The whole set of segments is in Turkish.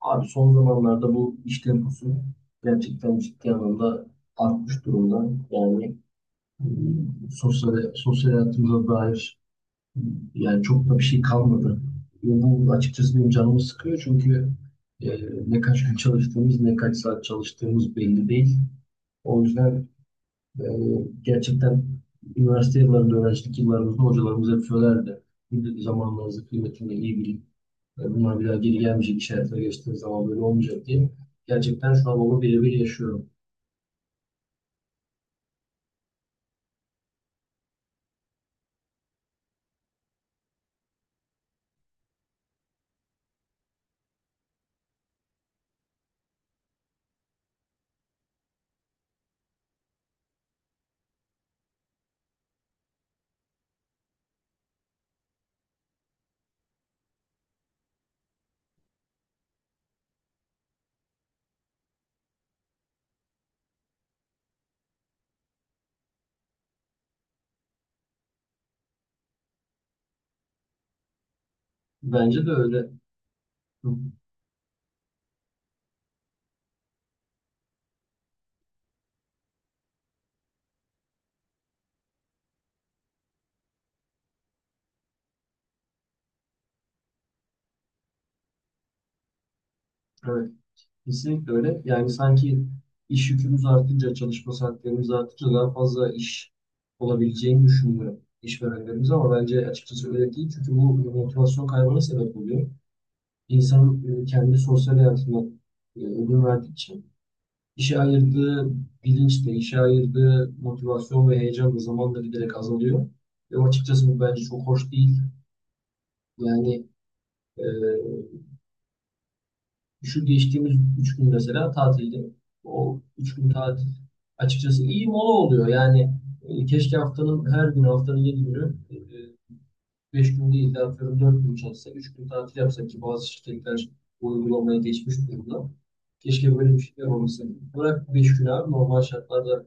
Abi son zamanlarda bu iş temposu gerçekten ciddi anlamda artmış durumda. Yani e, sosyal, sosyal hayatımıza dair e, yani çok da bir şey kalmadı. Ve bu açıkçası benim canımı sıkıyor çünkü e, ne kaç gün çalıştığımız ne kaç saat çalıştığımız belli değil. O yüzden e, gerçekten üniversite yıllarında, öğrencilik yıllarımızda hocalarımız hep söylerdi. Bir de zamanlarınızı kıymetini iyi bilin. Ve bunlar biraz geri gelmeyecek işaretler geçtiğim zaman böyle olmayacak diye. Gerçekten şu an onu birebir yaşıyorum. Bence de öyle. Hı, evet, kesinlikle öyle. Yani sanki iş yükümüz artınca, çalışma saatlerimiz artınca daha fazla iş olabileceğini düşünmüyor işverenlerimiz ama bence açıkçası öyle değil. Çünkü bu motivasyon kaybına sebep oluyor. İnsanın kendi sosyal hayatına ödün verdikçe İşe ayırdığı bilinç de, işe ayırdığı motivasyon ve heyecan da zamanla giderek azalıyor. Ve açıkçası bu bence çok hoş değil. Yani e, şu geçtiğimiz üç gün mesela tatilde. O üç gün tatil açıkçası iyi mola oluyor. Yani keşke haftanın her günü, haftanın yedi günü 5 gün değil de atıyorum 4 gün çalışsa, 3 gün tatil yapsa ki bazı şirketler bu uygulamaya geçmiş durumda. Keşke böyle bir şeyler olmasa. Bırak 5 gün abi normal şartlarda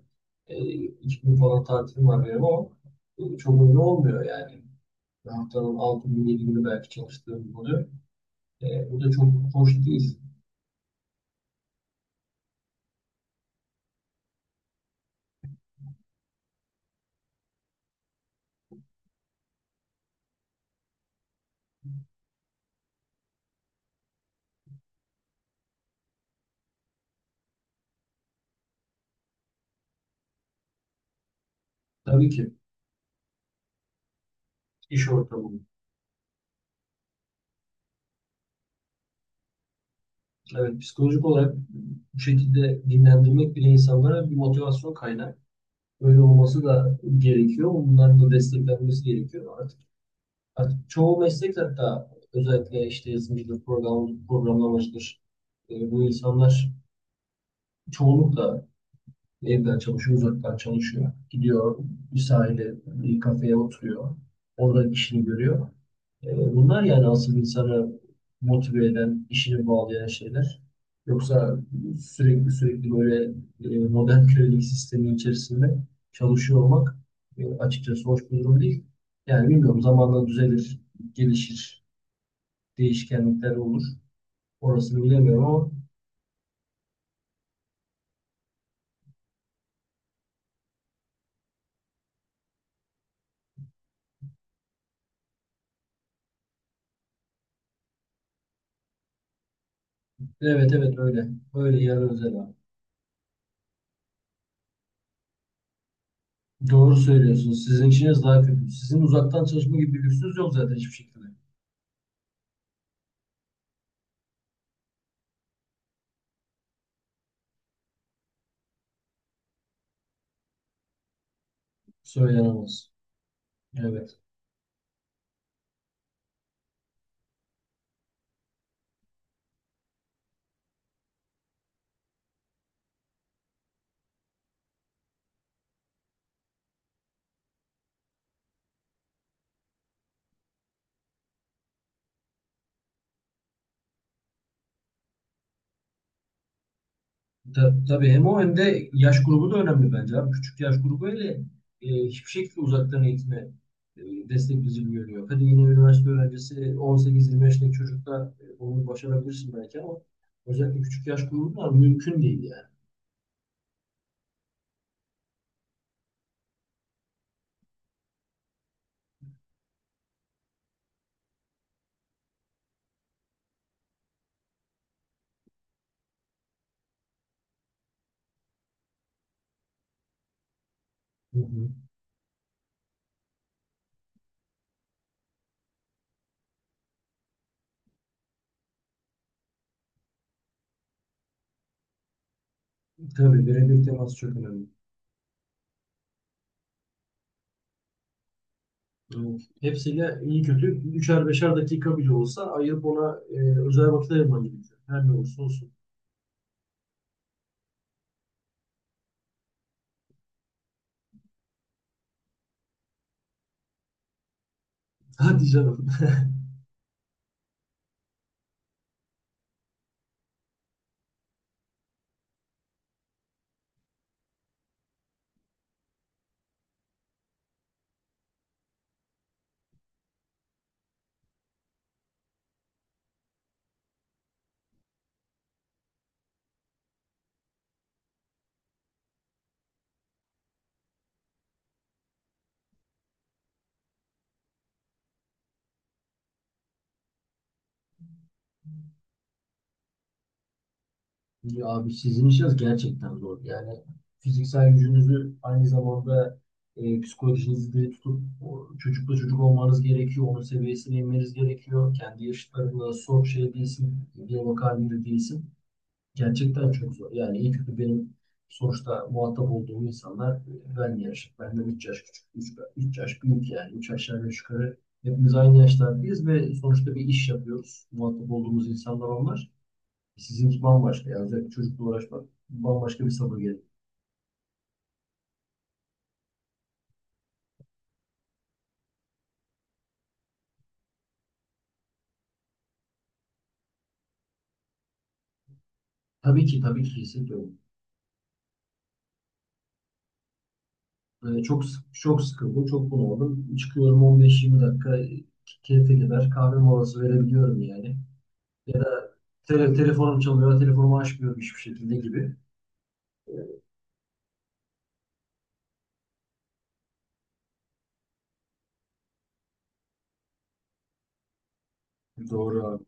2 gün falan tatilim var benim ama bu çok önemli olmuyor yani. Bir haftanın 6 gün 7 günü belki çalıştığım oluyor. Bu da çok hoş değil. Tabii ki iş ortamı. Evet, psikolojik olarak bu şekilde dinlendirmek bile insanlara bir motivasyon kaynağı. Böyle olması da gerekiyor. Bunların da desteklenmesi gerekiyor. Artık çoğu meslek hatta özellikle işte yazılımcıdır, program, programlamacıdır. Bu insanlar çoğunlukla evden çalışıyor, uzaktan çalışıyor. Gidiyor bir sahile, bir kafeye oturuyor. Orada işini görüyor. Bunlar yani asıl insanı motive eden, işini bağlayan şeyler. Yoksa sürekli sürekli böyle modern kölelik sistemi içerisinde çalışıyor olmak açıkçası hoş bir durum değil. Yani bilmiyorum, zamanla düzelir, gelişir, değişkenlikler olur. Orasını bilemiyorum ama evet, evet öyle. Öyle yarın özel abi. Doğru söylüyorsunuz. Sizin işiniz daha kötü. Sizin uzaktan çalışma gibi bir lüksünüz yok zaten hiçbir şekilde. Söylenemez. Evet. Tabii hem o hem de yaş grubu da önemli bence abi. Küçük yaş grubu ile hiçbir şekilde uzaktan eğitime e, destekleyici görünüyor. Hadi yine üniversite öğrencisi 18-25'lik çocukta onu başarabilirsin belki ama özellikle küçük yaş grubunda mümkün değil yani. Hı hı. Tabii birebir temas çok önemli. Evet. Hepsiyle iyi kötü üçer beşer dakika bile olsa ayırıp ona özel vakit ayırman gerekiyor. Her ne olursa olsun. Hadi canım. Ya abi sizin işiniz gerçekten zor. Yani fiziksel gücünüzü aynı zamanda psikolojinizi de tutup o çocukla çocuk olmanız gerekiyor. Onun seviyesine inmeniz gerekiyor. Kendi yaşıtlarınla soğuk şey değilsin. Bir bakar değilsin. Gerçekten çok zor. Yani iyi kötü benim sonuçta muhatap olduğum insanlar ben yaş, benden 3 yaş küçük, üç yaş büyük yani 3 aşağı 5 yukarı hepimiz aynı yaşlardayız ve sonuçta bir iş yapıyoruz. Muhatap olduğumuz insanlar onlar. Sizinki bambaşka yani özellikle çocukla uğraşmak bambaşka bir sabır gerekiyor. Tabii ki, tabii ki hissediyorum. Çok sıkıldım, çok bunaldım. Çıkıyorum, 15-20 dakika keyfe kadar kahve molası verebiliyorum yani. Ya da telefonum çalıyor, telefonumu açmıyorum hiçbir şekilde gibi. Doğru abi.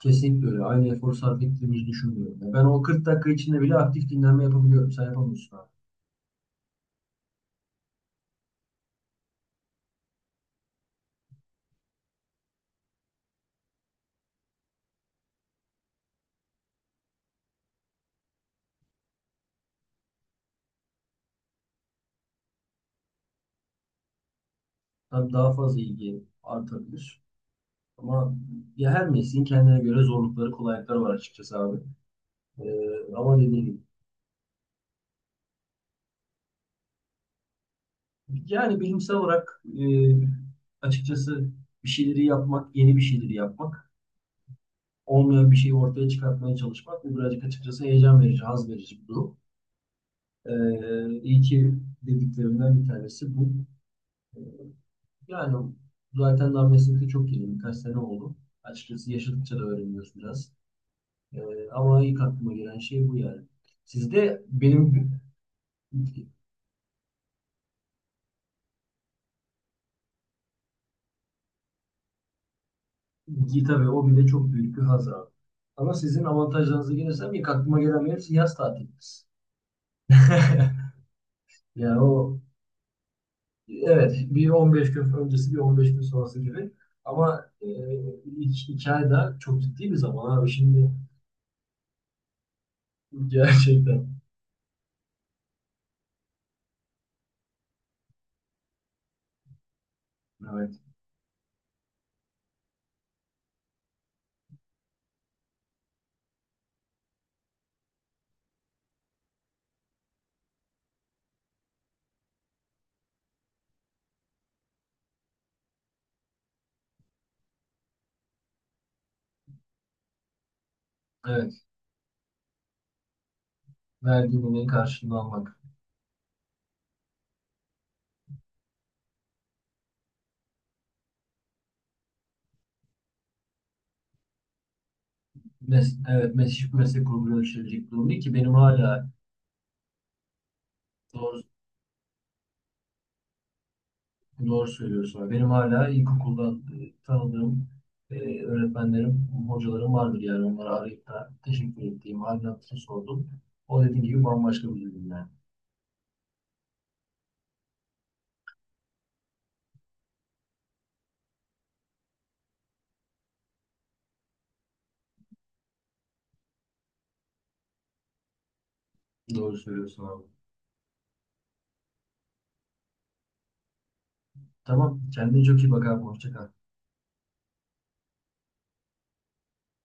Kesinlikle öyle. Aynı efor sarf ettiğimizi düşünmüyorum. Ya ben o 40 dakika içinde bile aktif dinlenme yapabiliyorum. Sen yapamıyorsun abi. Tabii daha fazla ilgi artabilir. Ama ya her mesleğin kendine göre zorlukları, kolaylıkları var açıkçası abi. Ama dediğim gibi. Yani bilimsel olarak açıkçası bir şeyleri yapmak, yeni bir şeyleri yapmak, olmayan bir şeyi ortaya çıkartmaya çalışmak bu birazcık açıkçası heyecan verici, haz verici bir durum. İyi ki dediklerimden bir tanesi bu. Ee, Yani zaten daha meslekte çok yeni. Birkaç sene oldu. Açıkçası yaşadıkça da öğreniyoruz biraz. Ama ilk aklıma gelen şey bu yani. Sizde benim gita ve o bile çok büyük bir haz abi. Ama sizin avantajlarınıza gelirsem ilk aklıma gelen benim siz yaz tatiliniz. Yani o, evet, bir 15 gün öncesi bir 15 gün sonrası gibi. Ama ilk iki ay da çok ciddi bir zaman abi şimdi gerçekten. Evet. Evet. Verdiğinin karşılığını almak. Mes, evet, mes hiçbir meslek grubuna yöneltilecek durum ki benim hala doğru, doğru söylüyorsun. Benim hala ilkokuldan tanıdığım öğretmenlerim, hocalarım vardır yani. Onları arayıp da teşekkür ettiğim, halini hatırını sordum. O dediğin gibi bambaşka bir durum yani. Doğru söylüyorsun abi. Tamam, kendine çok iyi bak abi. Hoşça kal.